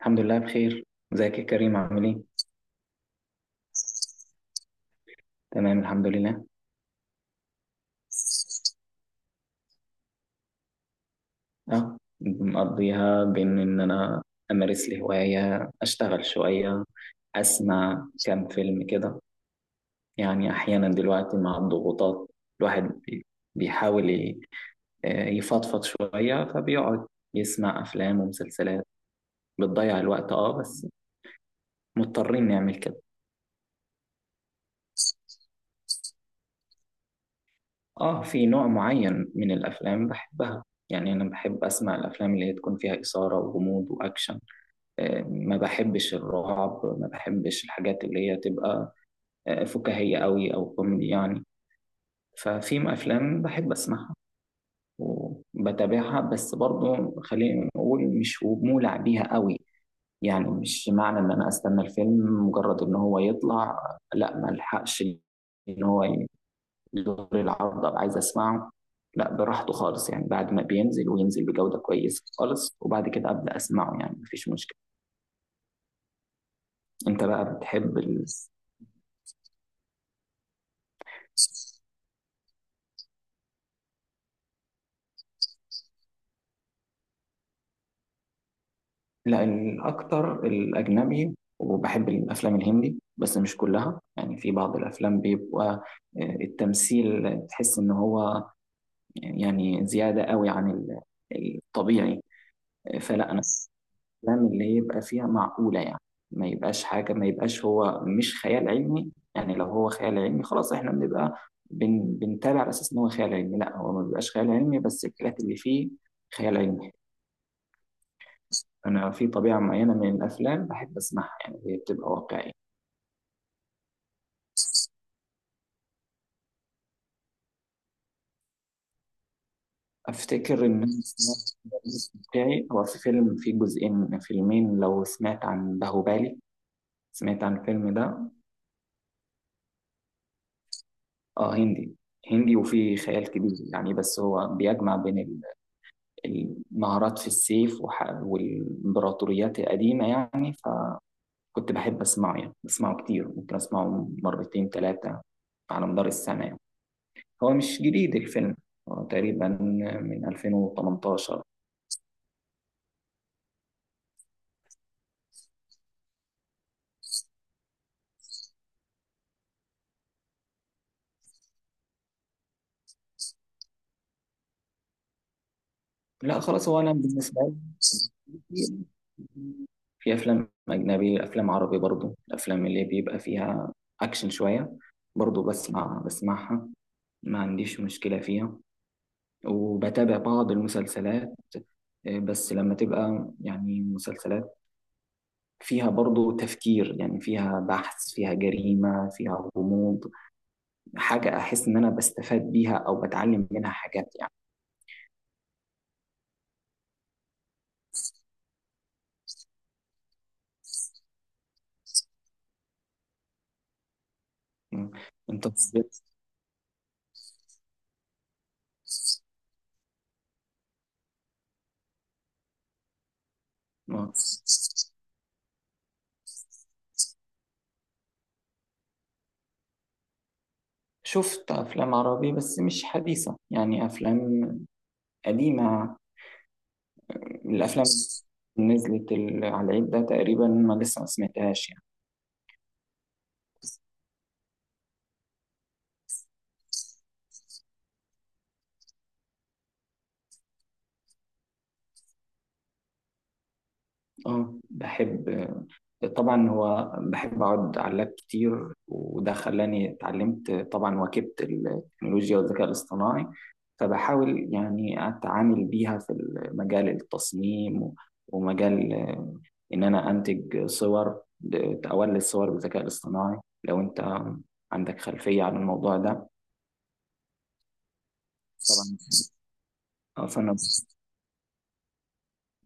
الحمد لله بخير. ازيك يا كريم، عامل ايه؟ تمام الحمد لله. اه مقضيها بان ان انا امارس لي هوايه، اشتغل شويه، اسمع كام فيلم كده. يعني احيانا دلوقتي مع الضغوطات الواحد بيحاول يفضفض شويه، فبيقعد يسمع افلام ومسلسلات، بتضيع الوقت، بس مضطرين نعمل كده. اه، في نوع معين من الافلام بحبها. يعني انا بحب اسمع الافلام اللي هي تكون فيها اثاره وغموض واكشن. ما بحبش الرعب، ما بحبش الحاجات اللي هي تبقى فكاهية قوي أو كوميدي يعني. ففي أفلام بحب أسمعها وبتابعها، بس برضو خلينا نقول مش مولع بيها قوي. يعني مش معنى إن أنا أستنى الفيلم مجرد إن هو يطلع، لا ما الحقش إن هو يدور العرض أبقى عايز أسمعه. لا براحته خالص، يعني بعد ما بينزل وينزل بجودة كويسة خالص وبعد كده أبدأ أسمعه، يعني مفيش مشكلة. أنت بقى بتحب. لا، الأكتر الأجنبي، وبحب الأفلام الهندي بس مش كلها، يعني في بعض الأفلام بيبقى التمثيل تحس إن هو يعني زيادة قوي عن الطبيعي. فلا أنا الأفلام اللي يبقى فيها معقولة يعني. ما يبقاش حاجة، ما يبقاش هو مش خيال علمي يعني. لو هو خيال علمي خلاص إحنا بنبقى بنتابع على أساس إن هو خيال علمي. لا، هو ما بيبقاش خيال علمي، بس الحاجات اللي فيه خيال علمي. أنا في طبيعة معينة من الأفلام بحب أسمعها، يعني هي بتبقى واقعية. أفتكر إن أنا سمعت واقعي، هو في فيلم فيه جزئين، فيلمين، لو سمعت عن باهوبالي، سمعت عن الفيلم ده. آه، هندي. هندي وفيه خيال كبير يعني، بس هو بيجمع بين المهارات في السيف والإمبراطوريات القديمة يعني. فكنت بحب أسمعه، يعني بسمعه كتير، ممكن أسمعه مرتين ثلاثة على مدار السنة يعني. هو مش جديد الفيلم، هو تقريبا من 2018. لا خلاص، هو انا بالنسبه لي في افلام اجنبي، افلام عربي برضو، الافلام اللي بيبقى فيها اكشن شويه برضو بسمعها، ما عنديش مشكله فيها. وبتابع بعض المسلسلات، بس لما تبقى يعني مسلسلات فيها برضو تفكير، يعني فيها بحث، فيها جريمة، فيها غموض، حاجة أحس إن أنا بستفاد بيها أو بتعلم منها حاجات يعني. مم. انت بالذات- آه. شفت افلام عربي، بس مش حديثة، يعني افلام قديمة. الافلام اللي نزلت على العيد ده تقريبا ما لسه ما سمعتهاش يعني. اه، بحب. طبعا هو بحب اقعد على اللاب كتير، وده خلاني اتعلمت طبعا واكبت التكنولوجيا والذكاء الاصطناعي. فبحاول يعني اتعامل بيها في مجال التصميم ومجال، ان انا انتج صور، اولد صور بالذكاء الاصطناعي. لو انت عندك خلفية عن الموضوع ده؟ طبعا. فانا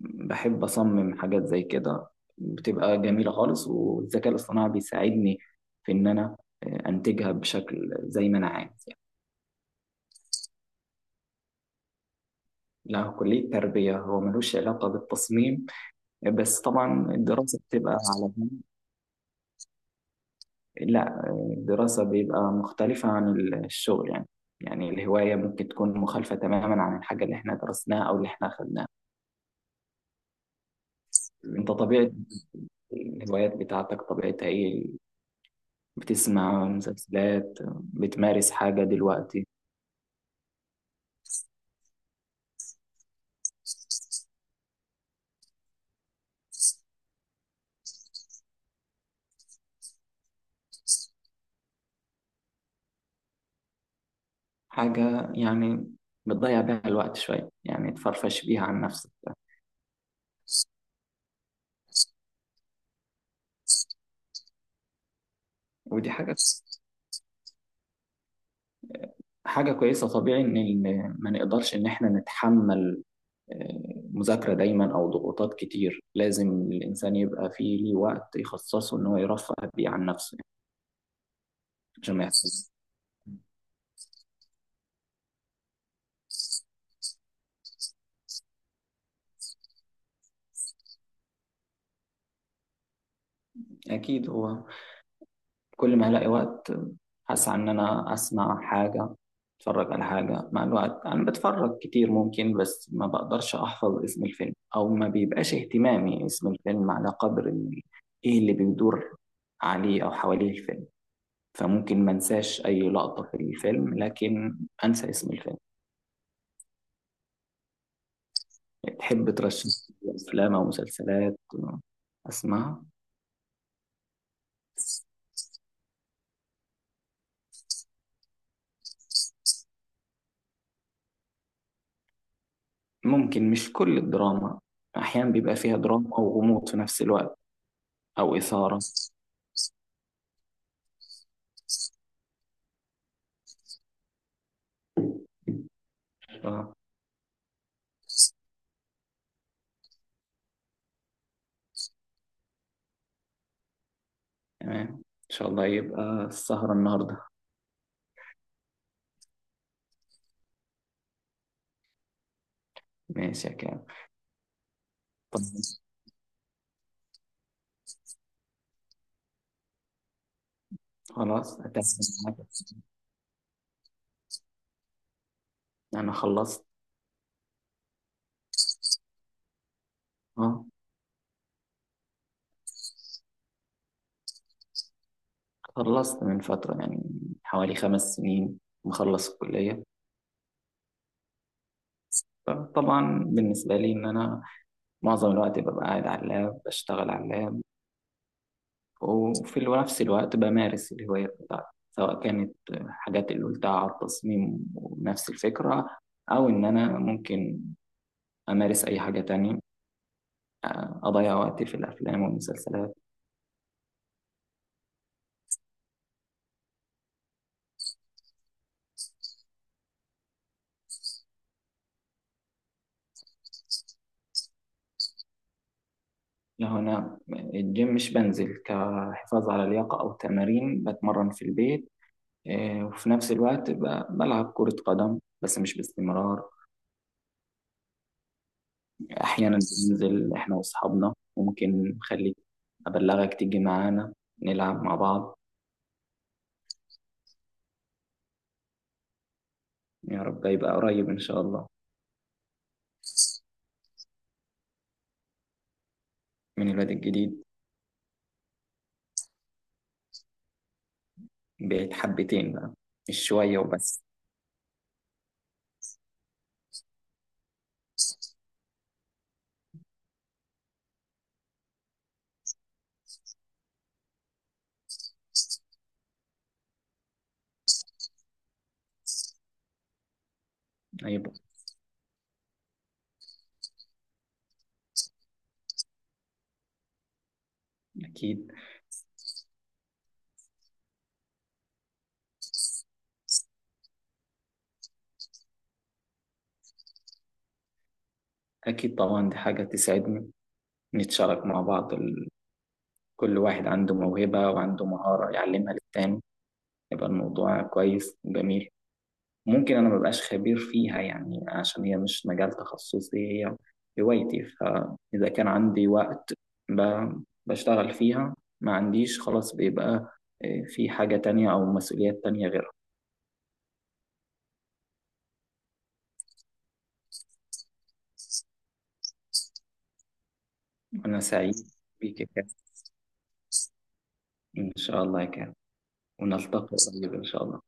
بحب أصمم حاجات زي كده، بتبقى جميلة خالص، والذكاء الاصطناعي بيساعدني في إن أنا أنتجها بشكل زي ما أنا عايز يعني. لا، كلية تربية، هو ملوش علاقة بالتصميم، بس طبعا الدراسة بتبقى على. لا، الدراسة بيبقى مختلفة عن الشغل يعني. يعني الهواية ممكن تكون مخالفة تماما عن الحاجة اللي احنا درسناها أو اللي احنا أخدناها. انت طبيعة الهوايات بتاعتك طبيعتها ايه؟ بتسمع مسلسلات؟ بتمارس حاجة دلوقتي؟ حاجة يعني بتضيع بيها الوقت شوية، يعني تفرفش بيها عن نفسك. ودي حاجة كويسة، طبيعي إن ما نقدرش إن إحنا نتحمل مذاكرة دايما أو ضغوطات كتير. لازم الإنسان يبقى فيه ليه وقت يخصصه إن هو يرفه بيه عن نفسه عشان ما يحسش. أكيد، هو كل ما الاقي وقت اسعى ان انا اسمع حاجه، اتفرج على حاجه. مع الوقت انا بتفرج كتير ممكن، بس ما بقدرش احفظ اسم الفيلم، او ما بيبقاش اهتمامي اسم الفيلم على قدر ايه اللي بيدور عليه او حواليه الفيلم. فممكن ما انساش اي لقطه في الفيلم، لكن انسى اسم الفيلم. تحب ترشح لي افلام او مسلسلات اسمعها؟ ممكن مش كل الدراما، احيانا بيبقى فيها دراما وغموض في نفس الوقت، او اثاره. ف- تمام، ان شاء الله يبقى السهرة النهاردة. ماشي يا كام. طب خلاص، هتحسن معاك. انا خلصت. اه، خلصت من فترة، يعني حوالي 5 سنين مخلص الكلية. طبعا بالنسبة لي إن أنا معظم الوقت ببقى قاعد على اللاب، بشتغل على اللاب، وفي نفس الوقت بمارس الهواية بتاعتي، سواء كانت حاجات اللي قلتها على التصميم ونفس الفكرة، أو إن أنا ممكن أمارس أي حاجة تانية، أضيع وقتي في الأفلام والمسلسلات. لا، أنا الجيم مش بنزل، كحفاظ على اللياقة أو تمارين بتمرن في البيت. إيه، وفي نفس الوقت بلعب كرة قدم بس مش باستمرار. أحيانا بننزل إحنا وأصحابنا، ممكن نخليك أبلغك تيجي معانا نلعب مع بعض. يا رب يبقى قريب إن شاء الله. من الواد الجديد. بقيت حبتين بقى، مش شوية وبس. هيبقى أكيد، أكيد طبعا، دي حاجة تسعدني، نتشارك مع بعض. كل واحد عنده موهبة وعنده مهارة يعلمها للتاني، يبقى الموضوع كويس وجميل. ممكن انا مبقاش خبير فيها يعني عشان هي مش مجال تخصصي، هي هوايتي. فاذا كان عندي وقت بشتغل فيها، ما عنديش خلاص بيبقى إيه، في حاجة تانية أو مسؤوليات تانية غيرها. أنا سعيد بيك يا كابتن. إن شاء الله يا كابتن. ونلتقي قريب إن شاء الله.